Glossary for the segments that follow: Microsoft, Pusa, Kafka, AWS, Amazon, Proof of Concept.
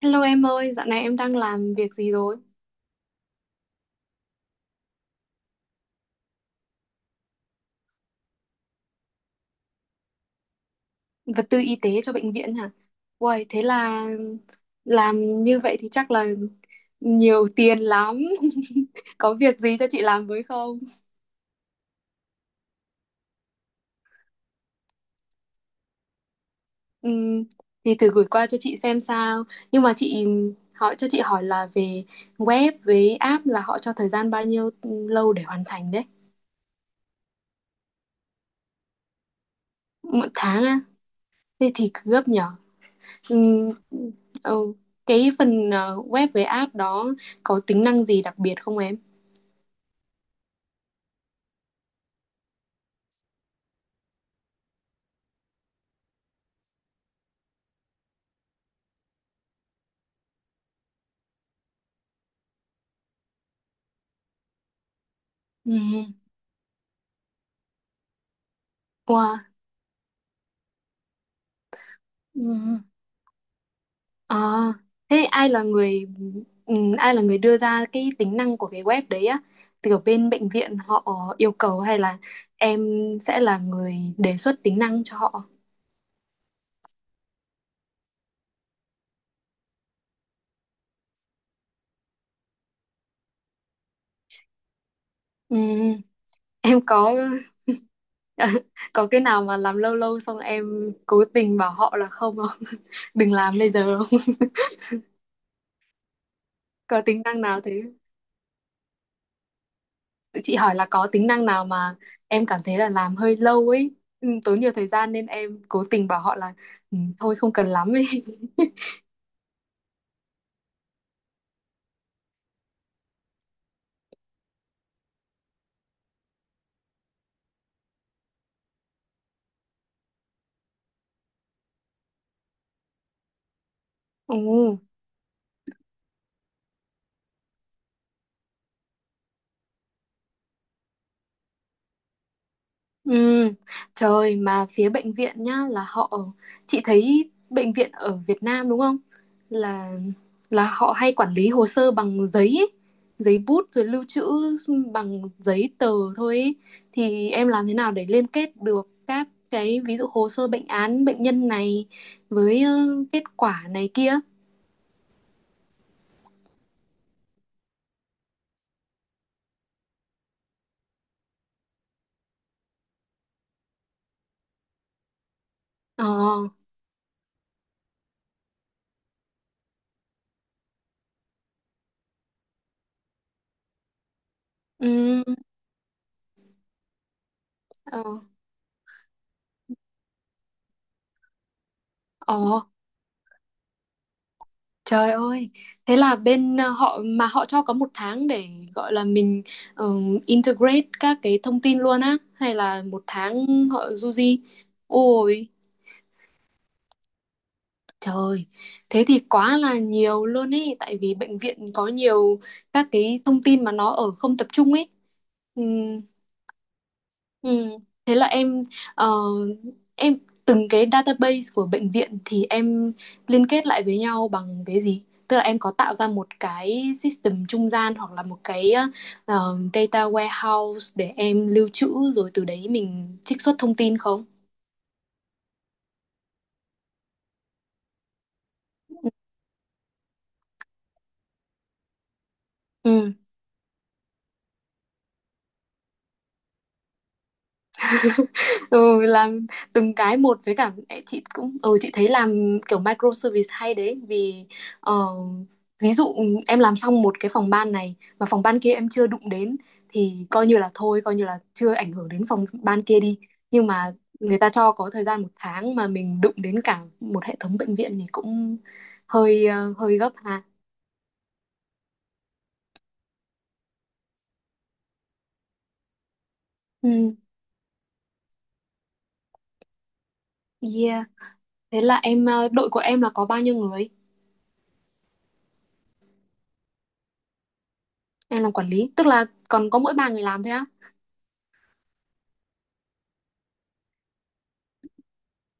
Hello em ơi, dạo này em đang làm việc gì rồi? Vật tư y tế cho bệnh viện hả? Uầy, thế là làm như vậy thì chắc là nhiều tiền lắm. Có việc gì cho chị làm với không? Ừm, thì thử gửi qua cho chị xem sao. Nhưng mà chị hỏi cho chị hỏi là về web với app là họ cho thời gian bao nhiêu lâu để hoàn thành đấy? Một tháng á? Thế thì gấp nhở? Ừm, ừ. Cái phần web với app đó có tính năng gì đặc biệt không em? Ừ. Wow. Ừ. À, thế ai là người đưa ra cái tính năng của cái web đấy á? Từ bên bệnh viện họ yêu cầu hay là em sẽ là người đề xuất tính năng cho họ? Ừ. Em có có cái nào mà làm lâu lâu xong em cố tình bảo họ là không, không? Đừng làm bây giờ không? Có tính năng nào thế? Chị hỏi là có tính năng nào mà em cảm thấy là làm hơi lâu ấy, tốn nhiều thời gian nên em cố tình bảo họ là thôi không cần lắm ấy. Ừ. Ừ, trời, mà phía bệnh viện nhá là họ, chị thấy bệnh viện ở Việt Nam đúng không? Là là họ hay quản lý hồ sơ bằng giấy ấy, giấy bút rồi lưu trữ bằng giấy tờ thôi ấy. Thì em làm thế nào để liên kết được các cái ví dụ hồ sơ bệnh án bệnh nhân này với kết quả này kia. Ờ. Ừ. Ờ. Ờ. Trời ơi, thế là bên họ cho có một tháng để gọi là mình ờ, integrate các cái thông tin luôn á, hay là một tháng họ du di? Ôi, trời, thế thì quá là nhiều luôn ấy, tại vì bệnh viện có nhiều các cái thông tin mà nó ở không tập trung ấy. Ừ. Thế là ờ, em từng cái database của bệnh viện thì em liên kết lại với nhau bằng cái gì? Tức là em có tạo ra một cái system trung gian hoặc là một cái data warehouse để em lưu trữ rồi từ đấy mình trích xuất thông tin không? Ừ. ừ, làm từng cái một với cả chị cũng ừ chị thấy làm kiểu micro service hay đấy vì ờ, ví dụ em làm xong một cái phòng ban này mà phòng ban kia em chưa đụng đến thì coi như là thôi, coi như là chưa ảnh hưởng đến phòng ban kia đi, nhưng mà người ta cho có thời gian một tháng mà mình đụng đến cả một hệ thống bệnh viện thì cũng hơi gấp ha. Ừ, yeah, thế là em đội của em là có bao nhiêu người, em làm quản lý tức là còn có mỗi ba người làm thôi á.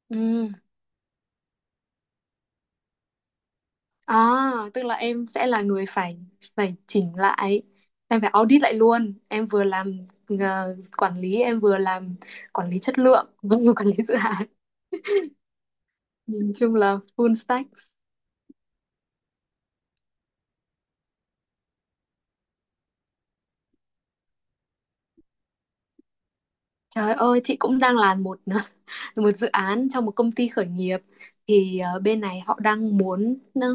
Ừ. À, tức là em sẽ là người phải phải chỉnh lại, em phải audit lại luôn. Em vừa làm quản lý, em vừa làm quản lý chất lượng, vừa làm quản lý dự án. Nhìn chung là full stack. Trời ơi, chị cũng đang làm một một dự án trong một công ty khởi nghiệp. Thì bên này họ đang muốn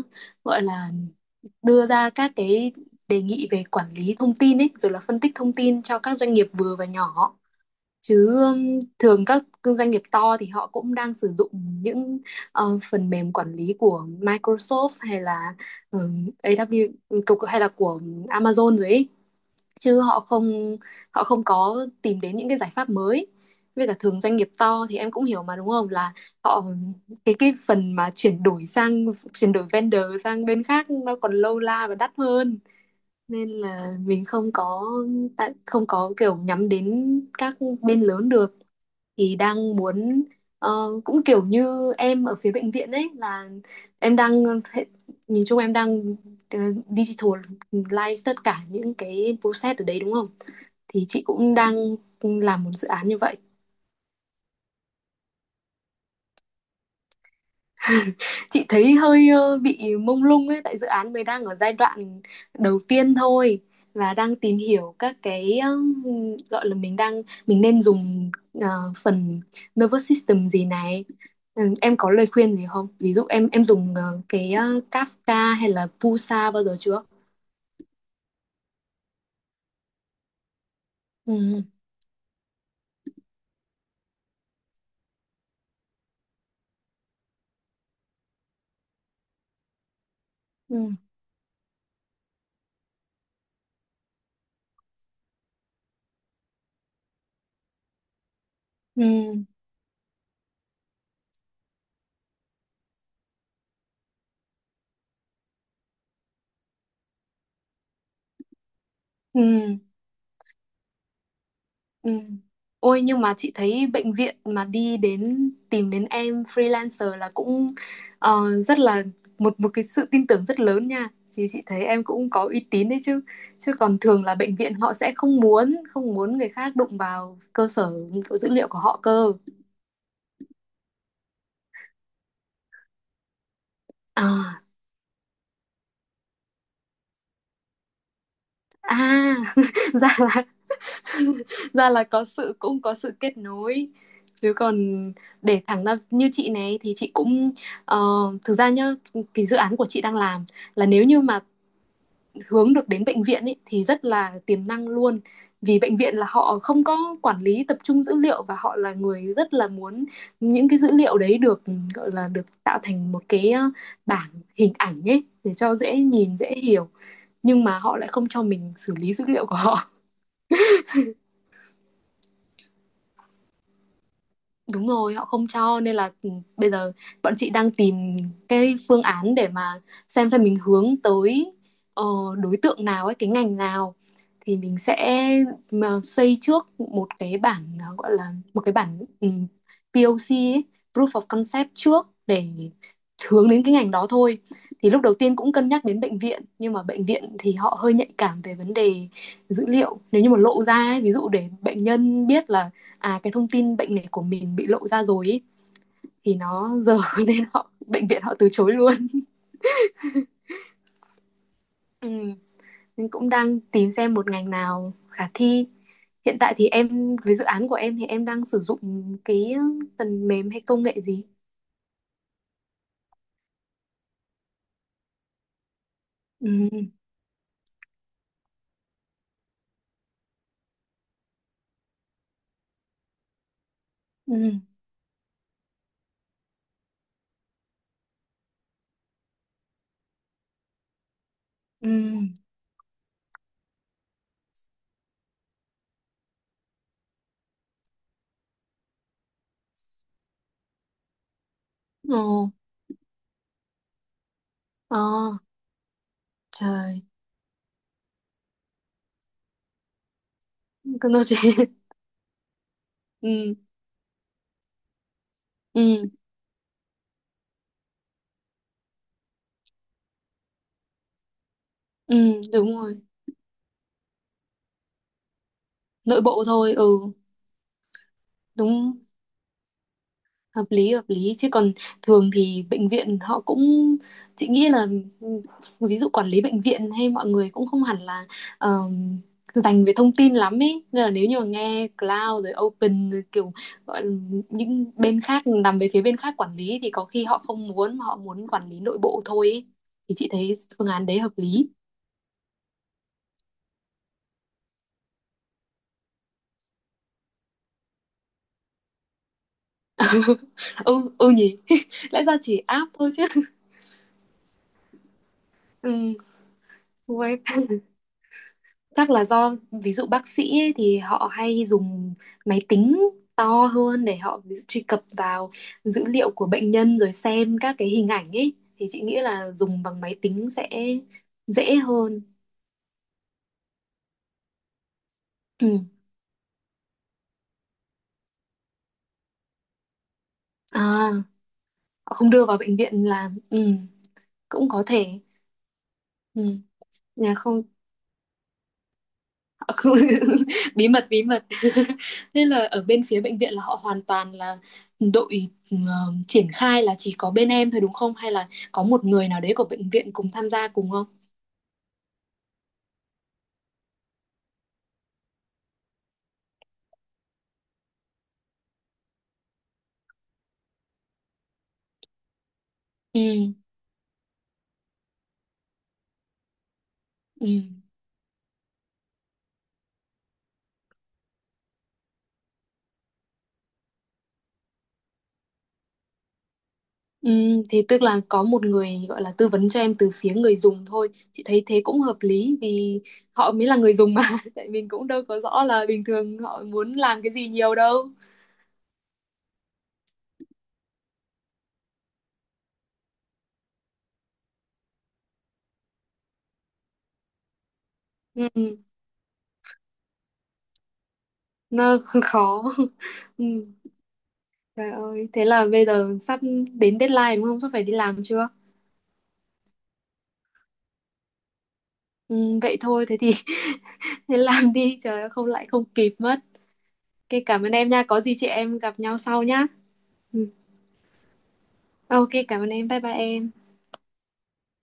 gọi là đưa ra các cái đề nghị về quản lý thông tin ấy, rồi là phân tích thông tin cho các doanh nghiệp vừa và nhỏ, chứ thường các doanh nghiệp to thì họ cũng đang sử dụng những phần mềm quản lý của Microsoft hay là AWS hay là của Amazon rồi ấy, chứ họ không có tìm đến những cái giải pháp mới, với cả thường doanh nghiệp to thì em cũng hiểu mà đúng không, là họ cái phần mà chuyển đổi vendor sang bên khác nó còn lâu la và đắt hơn, nên là mình không có kiểu nhắm đến các bên lớn được, thì đang muốn cũng kiểu như em ở phía bệnh viện ấy là em đang hệ- nhìn chung em đang ờ, digital live tất cả những cái process ở đấy đúng không? Thì chị cũng đang làm một dự án như vậy. Chị thấy hơi bị mông lung ấy, tại dự án mới đang ở giai đoạn đầu tiên thôi và đang tìm hiểu các cái gọi là mình nên dùng ờ, phần nervous system gì này. Ừ, em có lời khuyên gì không, ví dụ em dùng cái Kafka hay là Pusa bao giờ chưa? Ừ. Ừ. Ừ. Ừ. Ừ. Ừ. Ôi, nhưng mà chị thấy bệnh viện mà đi đến tìm đến em freelancer là cũng rất là một một cái sự tin tưởng rất lớn nha. Chị thấy em cũng có uy tín đấy chứ. Chứ còn thường là bệnh viện họ sẽ không muốn người khác đụng vào cơ sở dữ liệu của họ cơ. À, à ra là ra là có sự cũng có sự kết nối, chứ còn để thẳng ra như chị này thì chị cũng ờ, thực ra nhá, cái dự án của chị đang làm là nếu như mà hướng được đến bệnh viện ấy, thì rất là tiềm năng luôn, vì bệnh viện là họ không có quản lý tập trung dữ liệu và họ là người rất là muốn những cái dữ liệu đấy được gọi là được tạo thành một cái bảng hình ảnh ấy để cho dễ nhìn dễ hiểu, nhưng mà họ lại không cho mình xử lý dữ liệu của họ. Đúng rồi, họ không cho nên là bây giờ bọn chị đang tìm cái phương án để mà xem mình hướng tới ờ, đối tượng nào ấy, cái ngành nào thì mình sẽ mà xây trước một cái bản gọi là một cái bản POC ấy, Proof of Concept trước để hướng đến cái ngành đó thôi. Thì lúc đầu tiên cũng cân nhắc đến bệnh viện nhưng mà bệnh viện thì họ hơi nhạy cảm về vấn đề dữ liệu. Nếu như mà lộ ra ấy, ví dụ để bệnh nhân biết là à, cái thông tin bệnh này của mình bị lộ ra rồi ý, thì nó dở nên bệnh viện họ từ chối luôn. Ừ. Mình cũng đang tìm xem một ngành nào khả thi. Hiện tại thì em với dự án của em thì em đang sử dụng cái phần mềm hay công nghệ gì? Ừ. Ừ. Ừ. Ồ. Ờ, trời, cứ nói chuyện. Ừ. Ừ. Ừ. Đúng rồi, nội bộ thôi. Ừ. Đúng, hợp lý, hợp lý, chứ còn thường thì bệnh viện họ cũng, chị nghĩ là ừ, ví dụ quản lý bệnh viện hay mọi người cũng không hẳn là ờm, dành về thông tin lắm ấy, nên là nếu như mà nghe cloud rồi open rồi kiểu gọi là những bên khác nằm về phía bên khác quản lý thì có khi họ không muốn, mà họ muốn quản lý nội bộ thôi ấy. Thì chị thấy phương án đấy hợp lý. Ừ, ừ nhỉ. Lẽ ra chỉ app thôi chứ. Ừ, với chắc là do ví dụ bác sĩ ấy, thì họ hay dùng máy tính to hơn để họ ví dụ, truy cập vào dữ liệu của bệnh nhân rồi xem các cái hình ảnh ấy thì chị nghĩ là dùng bằng máy tính sẽ dễ hơn. Ừ. À, họ không đưa vào bệnh viện là cũng có thể. Ừ. Nhà không. Không, bí mật, bí mật. Nên là ở bên phía bệnh viện là họ hoàn toàn là đội triển khai là chỉ có bên em thôi đúng không, hay là có một người nào đấy của bệnh viện cùng tham gia cùng không? Ừ. Ừ. Ừ. Thế tức là có một người gọi là tư vấn cho em từ phía người dùng thôi, chị thấy thế cũng hợp lý vì họ mới là người dùng mà. Tại mình cũng đâu có rõ là bình thường họ muốn làm cái gì nhiều đâu. Ừ. Nó khó. Ừ. Trời ơi, thế là bây giờ sắp đến deadline đúng không? Sắp phải đi làm chưa? Ừ, vậy thôi, thế thì thế làm đi, trời ơi, không lại không kịp mất. Ok, cảm ơn em nha, có gì chị em gặp nhau sau nhá. Ừ. Ok, cảm ơn em, bye bye em.